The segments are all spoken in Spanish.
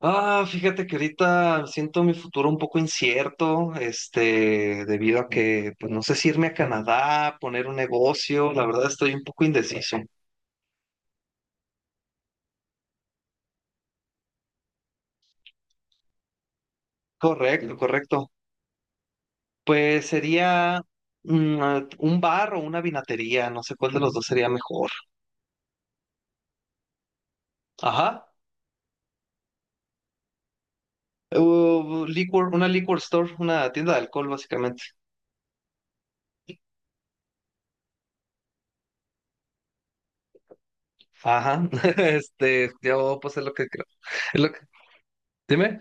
Ah, fíjate que ahorita siento mi futuro un poco incierto, debido a que, pues no sé si irme a Canadá, poner un negocio, la verdad estoy un poco indeciso. Correcto, correcto. Pues sería un bar o una vinatería, no sé cuál de los dos sería mejor. Ajá. Una liquor store, una tienda de alcohol, básicamente. Ajá. Yo pues es lo que creo. Es lo que... Dime.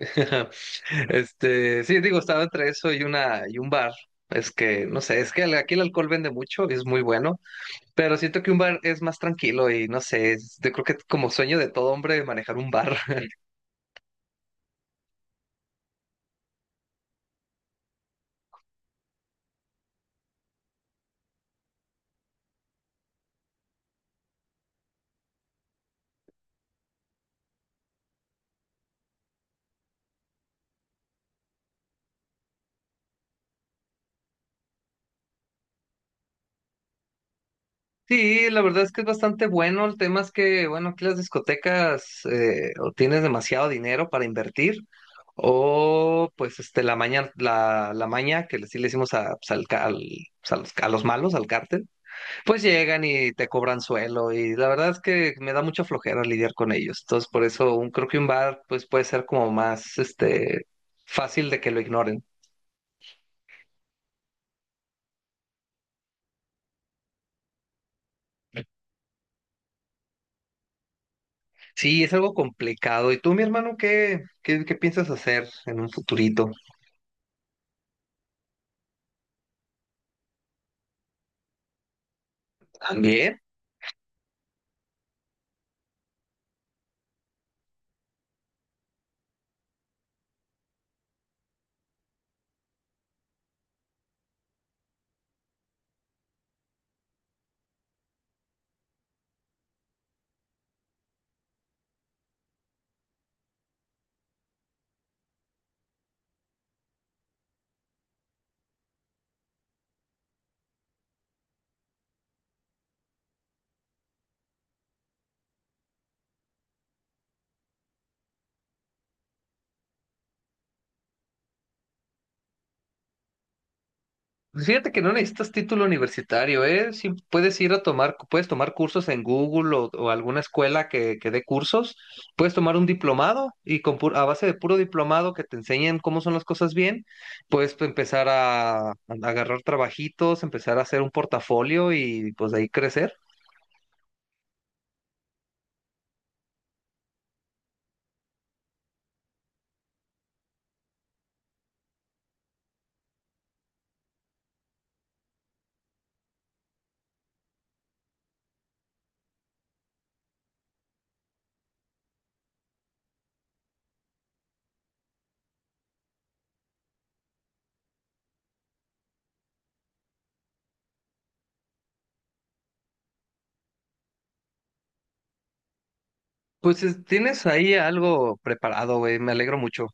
Sí, digo, estaba entre eso y una y un bar. Es que, no sé, aquí el alcohol vende mucho y es muy bueno, pero siento que un bar es más tranquilo y no sé, yo creo que como sueño de todo hombre manejar un bar. Sí, la verdad es que es bastante bueno. El tema es que, bueno, aquí las discotecas o tienes demasiado dinero para invertir o pues la maña, la maña sí le hicimos a, pues, pues, a los malos, al cártel. Pues llegan y te cobran suelo y la verdad es que me da mucha flojera lidiar con ellos. Entonces, creo que un bar pues puede ser como más fácil de que lo ignoren. Sí, es algo complicado. ¿Y tú, mi hermano, qué piensas hacer en un futurito? También. Pues fíjate que no necesitas título universitario, ¿eh? Sí, puedes tomar cursos en Google o alguna escuela que dé cursos. Puedes tomar un diplomado y con a base de puro diplomado que te enseñen cómo son las cosas bien, puedes empezar a agarrar trabajitos, empezar a hacer un portafolio y pues de ahí crecer. Pues tienes ahí algo preparado, güey. Me alegro mucho.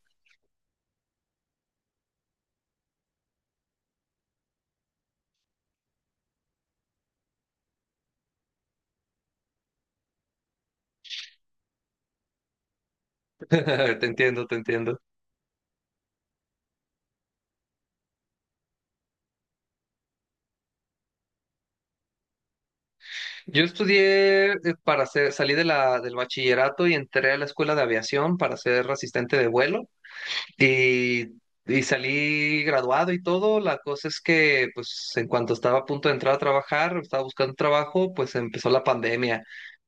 Te entiendo, te entiendo. Yo estudié para ser, salí de del bachillerato y entré a la escuela de aviación para ser asistente de vuelo y, y salí graduado y todo. La cosa es que, pues, en cuanto estaba a punto de entrar a trabajar, estaba buscando trabajo, pues empezó la pandemia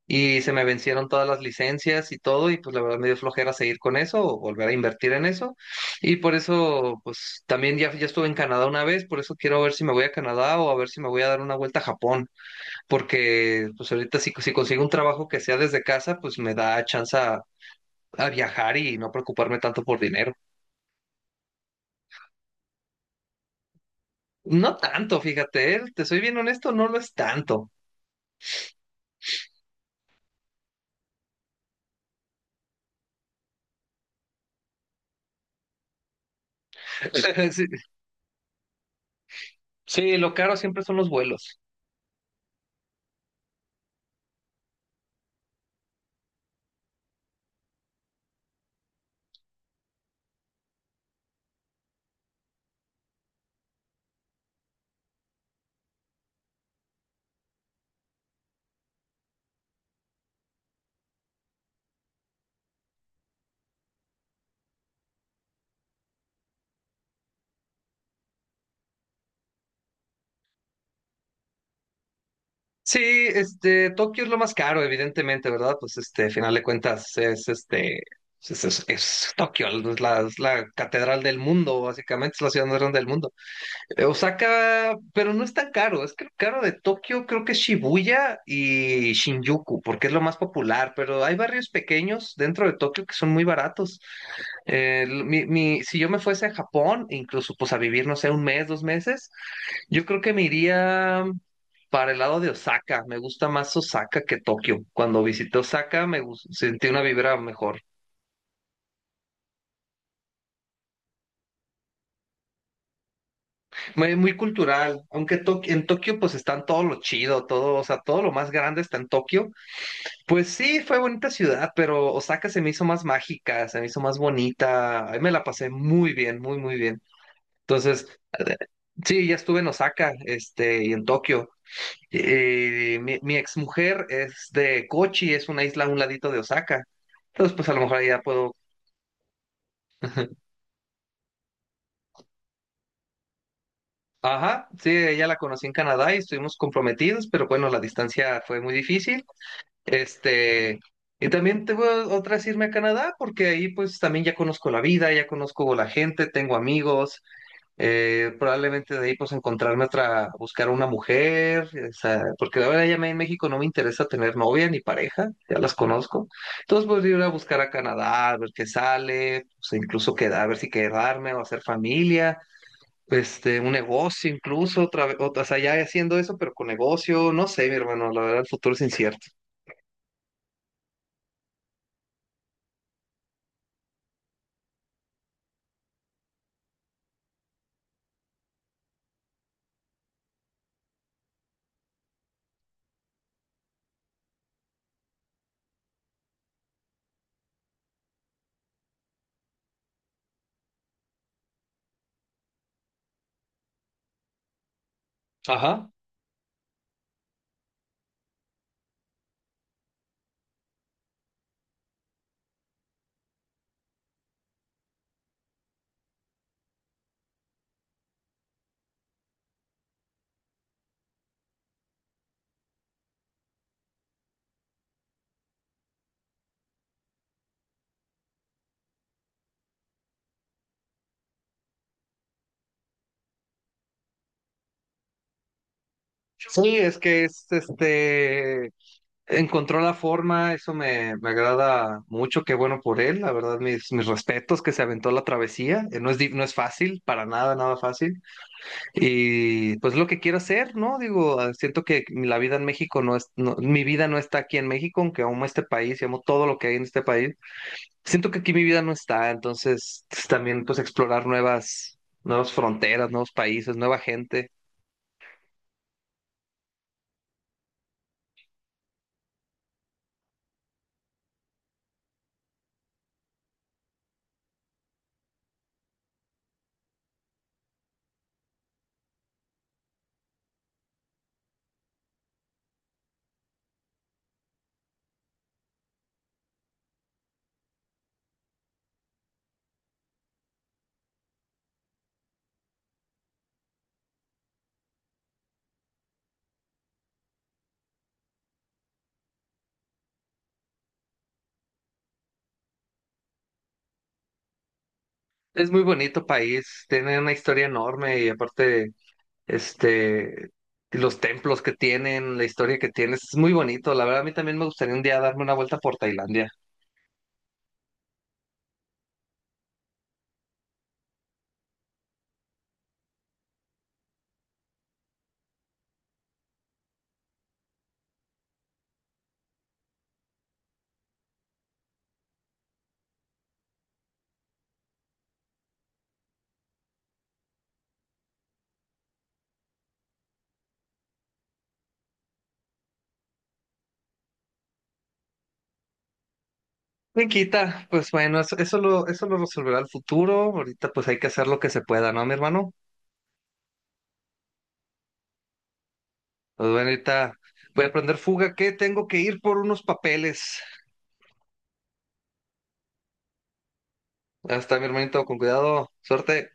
y se me vencieron todas las licencias y todo y pues la verdad me dio flojera seguir con eso o volver a invertir en eso. Y por eso, pues, también ya estuve en Canadá una vez, por eso quiero ver si me voy a Canadá o a ver si me voy a dar una vuelta a Japón porque pues ahorita si consigo un trabajo que sea desde casa, pues me da chance a viajar y no preocuparme tanto por dinero. No tanto, fíjate, te soy bien honesto, no lo es tanto. Sí, sí, lo caro siempre son los vuelos. Sí, Tokio es lo más caro, evidentemente, ¿verdad? Pues a final de cuentas, pues, es Tokio, es la catedral del mundo, básicamente, es la ciudad más grande del mundo. Osaka, pero no es tan caro. Es que lo caro de Tokio creo que es Shibuya y Shinjuku, porque es lo más popular. Pero hay barrios pequeños dentro de Tokio que son muy baratos. Si yo me fuese a Japón, incluso pues a vivir, no sé, un mes, dos meses, yo creo que me iría para el lado de Osaka. Me gusta más Osaka que Tokio. Cuando visité Osaka sentí una vibra mejor. Muy, muy cultural, aunque en Tokio pues están todo lo chido, todo, o sea, todo lo más grande está en Tokio. Pues sí, fue bonita ciudad, pero Osaka se me hizo más mágica, se me hizo más bonita. Ahí me la pasé muy bien, muy, muy bien. Entonces, sí, ya estuve en Osaka, y en Tokio. Mi exmujer es de Kochi, es una isla a un ladito de Osaka. Entonces, pues a lo mejor ahí ya puedo. Ajá, sí, ella la conocí en Canadá y estuvimos comprometidos, pero bueno, la distancia fue muy difícil. Este, y también tengo otras irme a Canadá, porque ahí pues también ya conozco la vida, ya conozco la gente, tengo amigos, probablemente de ahí pues encontrarme otra, buscar una mujer, o sea, porque la verdad en México no me interesa tener novia ni pareja, ya las conozco. Entonces pues ir a buscar a Canadá, a ver qué sale, pues, incluso quedar, a ver si quedarme o hacer familia. Un negocio incluso, o sea, ya haciendo eso, pero con negocio, no sé, mi hermano, la verdad el futuro es incierto. Ajá. Sí, es que es este encontró la forma, me agrada mucho, qué bueno por él, la verdad, mis respetos que se aventó la travesía, no no es fácil, para nada, nada fácil, y pues lo que quiero hacer, ¿no? Digo, ah, siento que la vida en México no es, no- mi vida no está aquí en México, aunque amo este país y amo todo lo que hay en este país, siento que aquí mi vida no está, entonces pues, también pues explorar nuevas fronteras, nuevos países, nueva gente. Es muy bonito país, tiene una historia enorme y aparte, este, los templos que tienen, la historia que tiene, es muy bonito. La verdad, a mí también me gustaría un día darme una vuelta por Tailandia. Me quita, pues bueno, eso lo resolverá el futuro. Ahorita pues hay que hacer lo que se pueda, ¿no, mi hermano? Pues bueno, ahorita voy a prender fuga que tengo que ir por unos papeles. Hasta mi hermanito, con cuidado, suerte.